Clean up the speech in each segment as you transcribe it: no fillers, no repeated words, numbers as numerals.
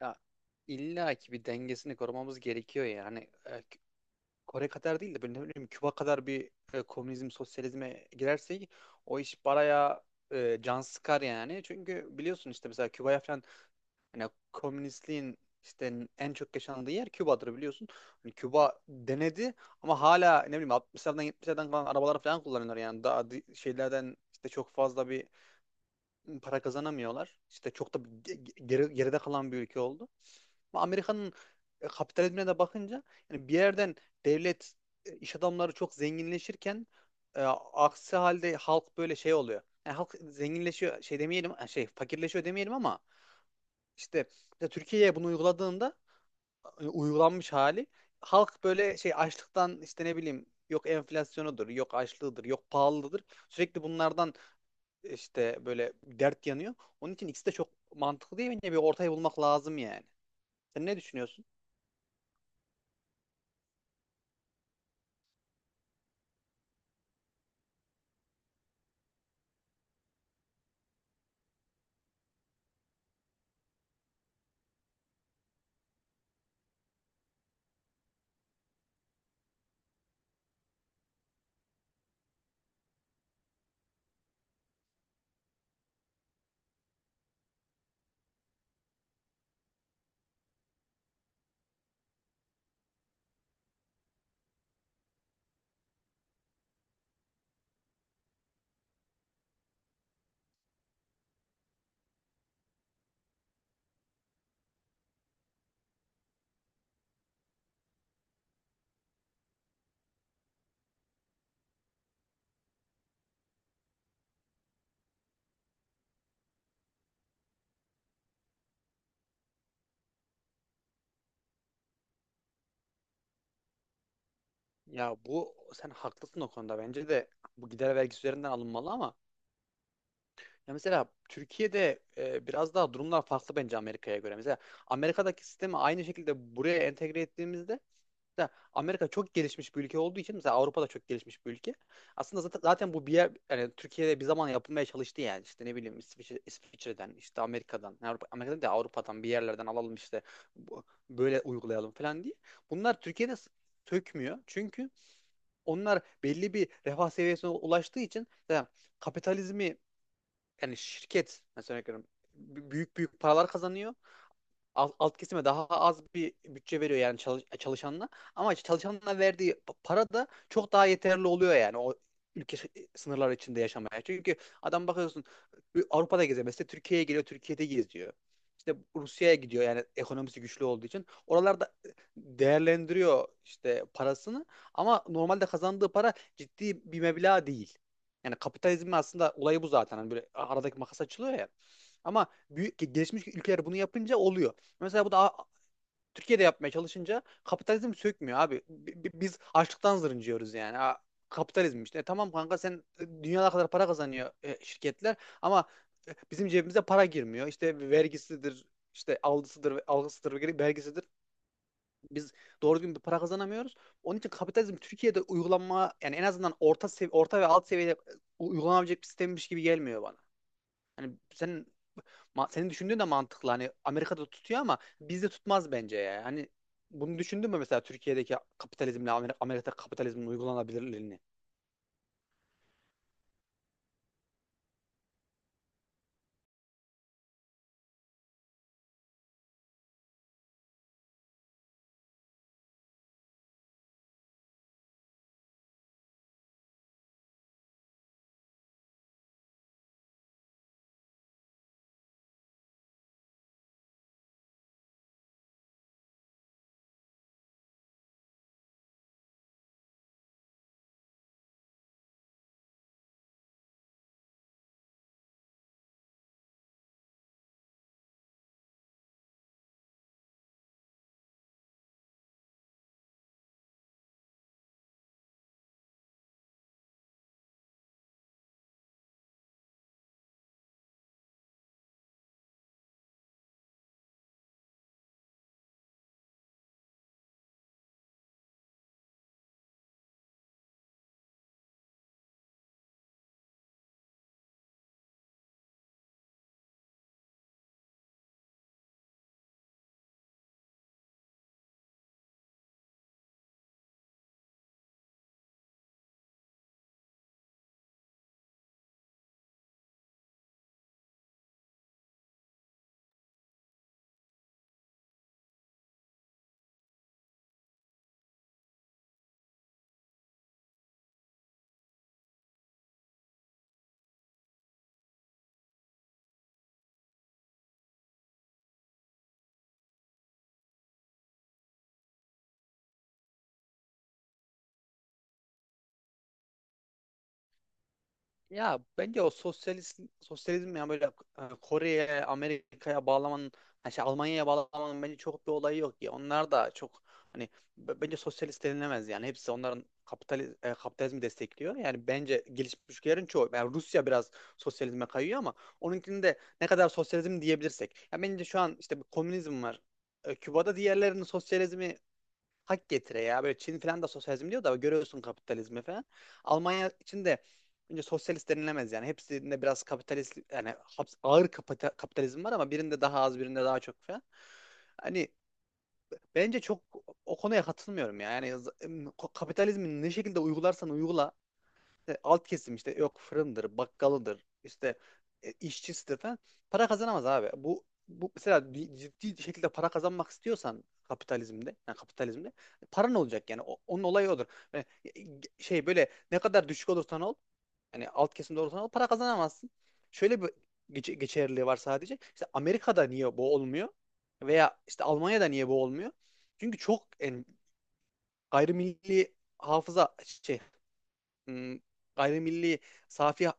Ya illa ki bir dengesini korumamız gerekiyor yani. E, Kore kadar değil de böyle ne bileyim Küba kadar bir komünizm, sosyalizme girersek o iş baraya can sıkar yani. Çünkü biliyorsun işte mesela Küba'ya falan hani komünistliğin işte en çok yaşandığı yer Küba'dır biliyorsun. Hani Küba denedi ama hala ne bileyim 60'lardan 70'lerden kalan arabalar falan kullanıyorlar yani daha şeylerden işte çok fazla bir para kazanamıyorlar. İşte çok da geride kalan bir ülke oldu. Ama Amerika'nın kapitalizmine de bakınca yani bir yerden devlet iş adamları çok zenginleşirken e, aksi halde halk böyle şey oluyor. Yani halk zenginleşiyor şey demeyelim şey fakirleşiyor demeyelim ama işte, işte Türkiye'ye bunu uyguladığında uygulanmış hali halk böyle şey açlıktan işte ne bileyim yok enflasyonudur, yok açlığıdır, yok pahalıdır. Sürekli bunlardan işte böyle dert yanıyor. Onun için ikisi de çok mantıklı değil. Bence bir ortayı bulmak lazım yani. Sen ne düşünüyorsun? Ya bu sen haklısın o konuda. Bence de bu gider vergisi üzerinden alınmalı ama ya mesela Türkiye'de biraz daha durumlar farklı bence Amerika'ya göre. Mesela Amerika'daki sistemi aynı şekilde buraya entegre ettiğimizde da Amerika çok gelişmiş bir ülke olduğu için mesela Avrupa da çok gelişmiş bir ülke. Aslında zaten bu bir yer yani Türkiye'de bir zaman yapılmaya çalıştı yani işte ne bileyim İsviçre'den işte Amerika'dan yani Avrupa, Amerika'dan da Avrupa'dan bir yerlerden alalım işte bu- böyle uygulayalım falan diye. Bunlar Türkiye'de sökmüyor. Çünkü onlar belli bir refah seviyesine ulaştığı için yani kapitalizmi yani şirket mesela örnek veriyorum, büyük büyük paralar kazanıyor alt kesime daha az bir bütçe veriyor yani çalışanına. Ama işte çalışanına verdiği para da çok daha yeterli oluyor yani o ülke sınırları içinde yaşamaya. Çünkü adam bakıyorsun Avrupa'da geziyor. Mesela Türkiye'ye geliyor, Türkiye'de geziyor. İşte Rusya'ya gidiyor yani ekonomisi güçlü olduğu için. Oralarda değerlendiriyor işte parasını ama normalde kazandığı para ciddi bir meblağ değil. Yani kapitalizmin aslında olayı bu zaten. Hani böyle aradaki makas açılıyor ya. Ama büyük gelişmiş ülkeler bunu yapınca oluyor. Mesela bu da Türkiye'de yapmaya çalışınca kapitalizm sökmüyor abi. Biz açlıktan zırıncıyoruz yani. Kapitalizm işte. E tamam kanka sen dünyada kadar para kazanıyor şirketler ama bizim cebimize para girmiyor. İşte vergisidir, işte algısıdır, vergisidir. Biz doğru düzgün bir para kazanamıyoruz. Onun için kapitalizm Türkiye'de uygulanma yani en azından orta orta ve alt seviyede uygulanabilecek bir sistemmiş gibi gelmiyor bana. Hani sen senin düşündüğün de mantıklı. Hani Amerika'da tutuyor ama bizde tutmaz bence ya. Hani bunu düşündün mü mesela Türkiye'deki kapitalizmle Amerika kapitalizmin uygulanabilirliğini? Ya bence o sosyalist sosyalizm ya böyle Kore'ye, Amerika'ya bağlamanın yani şey Almanya'ya bağlamanın bence çok bir olayı yok ya. Onlar da çok hani bence sosyalist denilemez yani. Hepsi onların kapitalizmi destekliyor. Yani bence gelişmiş ülkelerin çoğu yani Rusya biraz sosyalizme kayıyor ama onunkini de ne kadar sosyalizm diyebilirsek. Ya bence şu an işte bir komünizm var. Küba'da diğerlerinin sosyalizmi hak getire ya. Böyle Çin falan da sosyalizm diyor da görüyorsun kapitalizmi falan. Almanya için de önce sosyalist denilemez yani. Hepsinde biraz kapitalist yani ağır kapitalizm var ama birinde daha az birinde daha çok falan. Hani bence çok o konuya katılmıyorum ya. Yani kapitalizmi ne şekilde uygularsan uygula işte alt kesim işte yok fırındır, bakkalıdır, işte işçisidir falan para kazanamaz abi. Bu mesela bir ciddi şekilde para kazanmak istiyorsan kapitalizmde, yani kapitalizmde para ne olacak yani onun olayı odur. Yani, şey böyle ne kadar düşük olursan ol, yani alt kesimde olursan ol para kazanamazsın. Şöyle bir geçerliliği var sadece. İşte Amerika'da niye bu olmuyor? Veya işte Almanya'da niye bu olmuyor? Çünkü çok yani, gayrimilli hafıza şey m, gayrimilli safi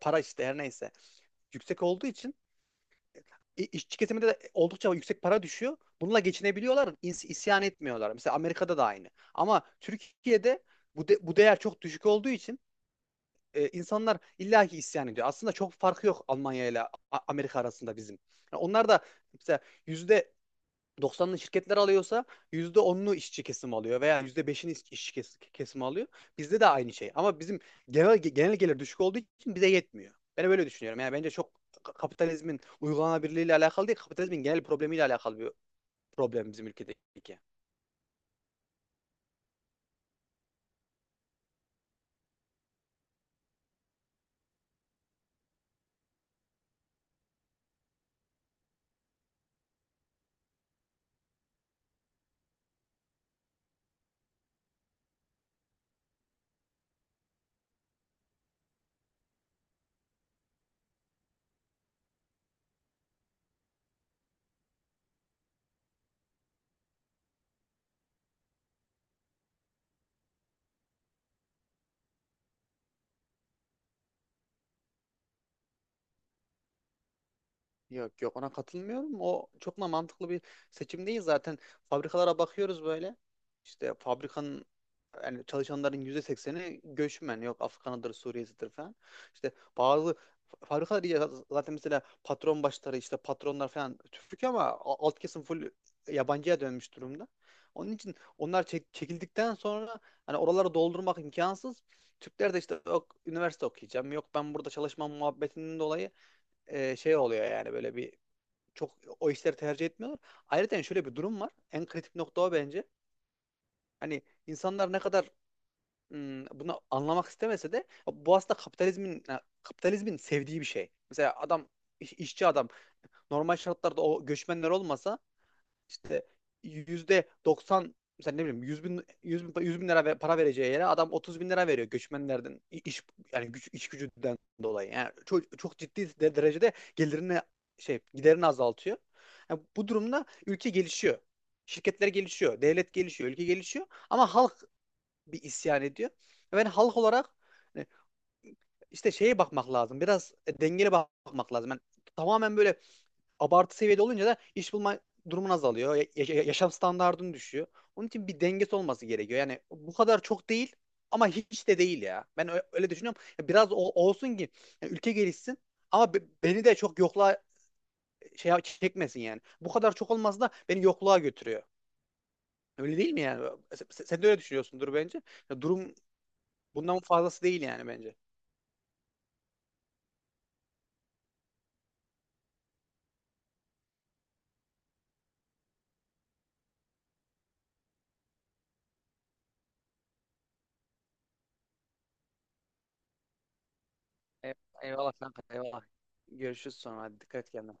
para işte her neyse yüksek olduğu için işçi kesiminde de oldukça yüksek para düşüyor. Bununla geçinebiliyorlar, isyan etmiyorlar. Mesela Amerika'da da aynı. Ama Türkiye'de bu değer çok düşük olduğu için insanlar illaki isyan ediyor. Aslında çok farkı yok Almanya ile Amerika arasında bizim. Yani onlar da mesela yüzde 90'lı şirketler alıyorsa %10'unu işçi kesim alıyor veya yüzde işçi kesimi alıyor. Bizde de aynı şey. Ama bizim genel gelir düşük olduğu için bize yetmiyor. Ben böyle düşünüyorum. Yani bence çok kapitalizmin uygulanabilirliğiyle alakalı değil, kapitalizmin genel problemiyle alakalı bir problem bizim ülkedeki. Yok yok ona katılmıyorum. O çok da mantıklı bir seçim değil zaten. Fabrikalara bakıyoruz böyle. İşte fabrikanın yani çalışanların %80'i göçmen. Yok Afgan'ıdır, Suriye'sidir falan. İşte bazı fabrikalar iyi. Zaten mesela patron başları işte patronlar falan Türk ama alt kesim full yabancıya dönmüş durumda. Onun için onlar çekildikten sonra hani oraları doldurmak imkansız. Türkler de işte yok üniversite okuyacağım, yok ben burada çalışmam muhabbetinden dolayı şey oluyor yani böyle bir çok o işleri tercih etmiyorlar. Ayrıca yani şöyle bir durum var. En kritik nokta o bence. Hani insanlar ne kadar bunu anlamak istemese de bu aslında kapitalizmin kapitalizmin sevdiği bir şey. Mesela adam işçi adam normal şartlarda o göçmenler olmasa işte %90, mesela ne bileyim 100.000, 100.000, 100 bin lira para vereceği yere adam 30.000 lira veriyor göçmenlerden iş yani iş gücünden dolayı. Yani çok, çok ciddi derecede gelirini şey giderini azaltıyor. Yani bu durumda ülke gelişiyor. Şirketler gelişiyor, devlet gelişiyor, ülke gelişiyor ama halk bir isyan ediyor. Ben yani halk olarak hani işte şeye bakmak lazım. Biraz dengeli bakmak lazım. Yani tamamen böyle abartı seviyede olunca da iş bulma durumun azalıyor. Yaşam standardın düşüyor. Onun için bir dengesi olması gerekiyor. Yani bu kadar çok değil ama hiç de değil ya. Ben öyle düşünüyorum. Ya biraz olsun ki yani ülke gelişsin ama beni de çok yokluğa şey çekmesin yani. Bu kadar çok olması da beni yokluğa götürüyor. Öyle değil mi yani? Sen de öyle düşünüyorsundur bence. Ya durum bundan fazlası değil yani bence. Eyvallah kanka eyvallah. Görüşürüz sonra. Hadi dikkat et kendine.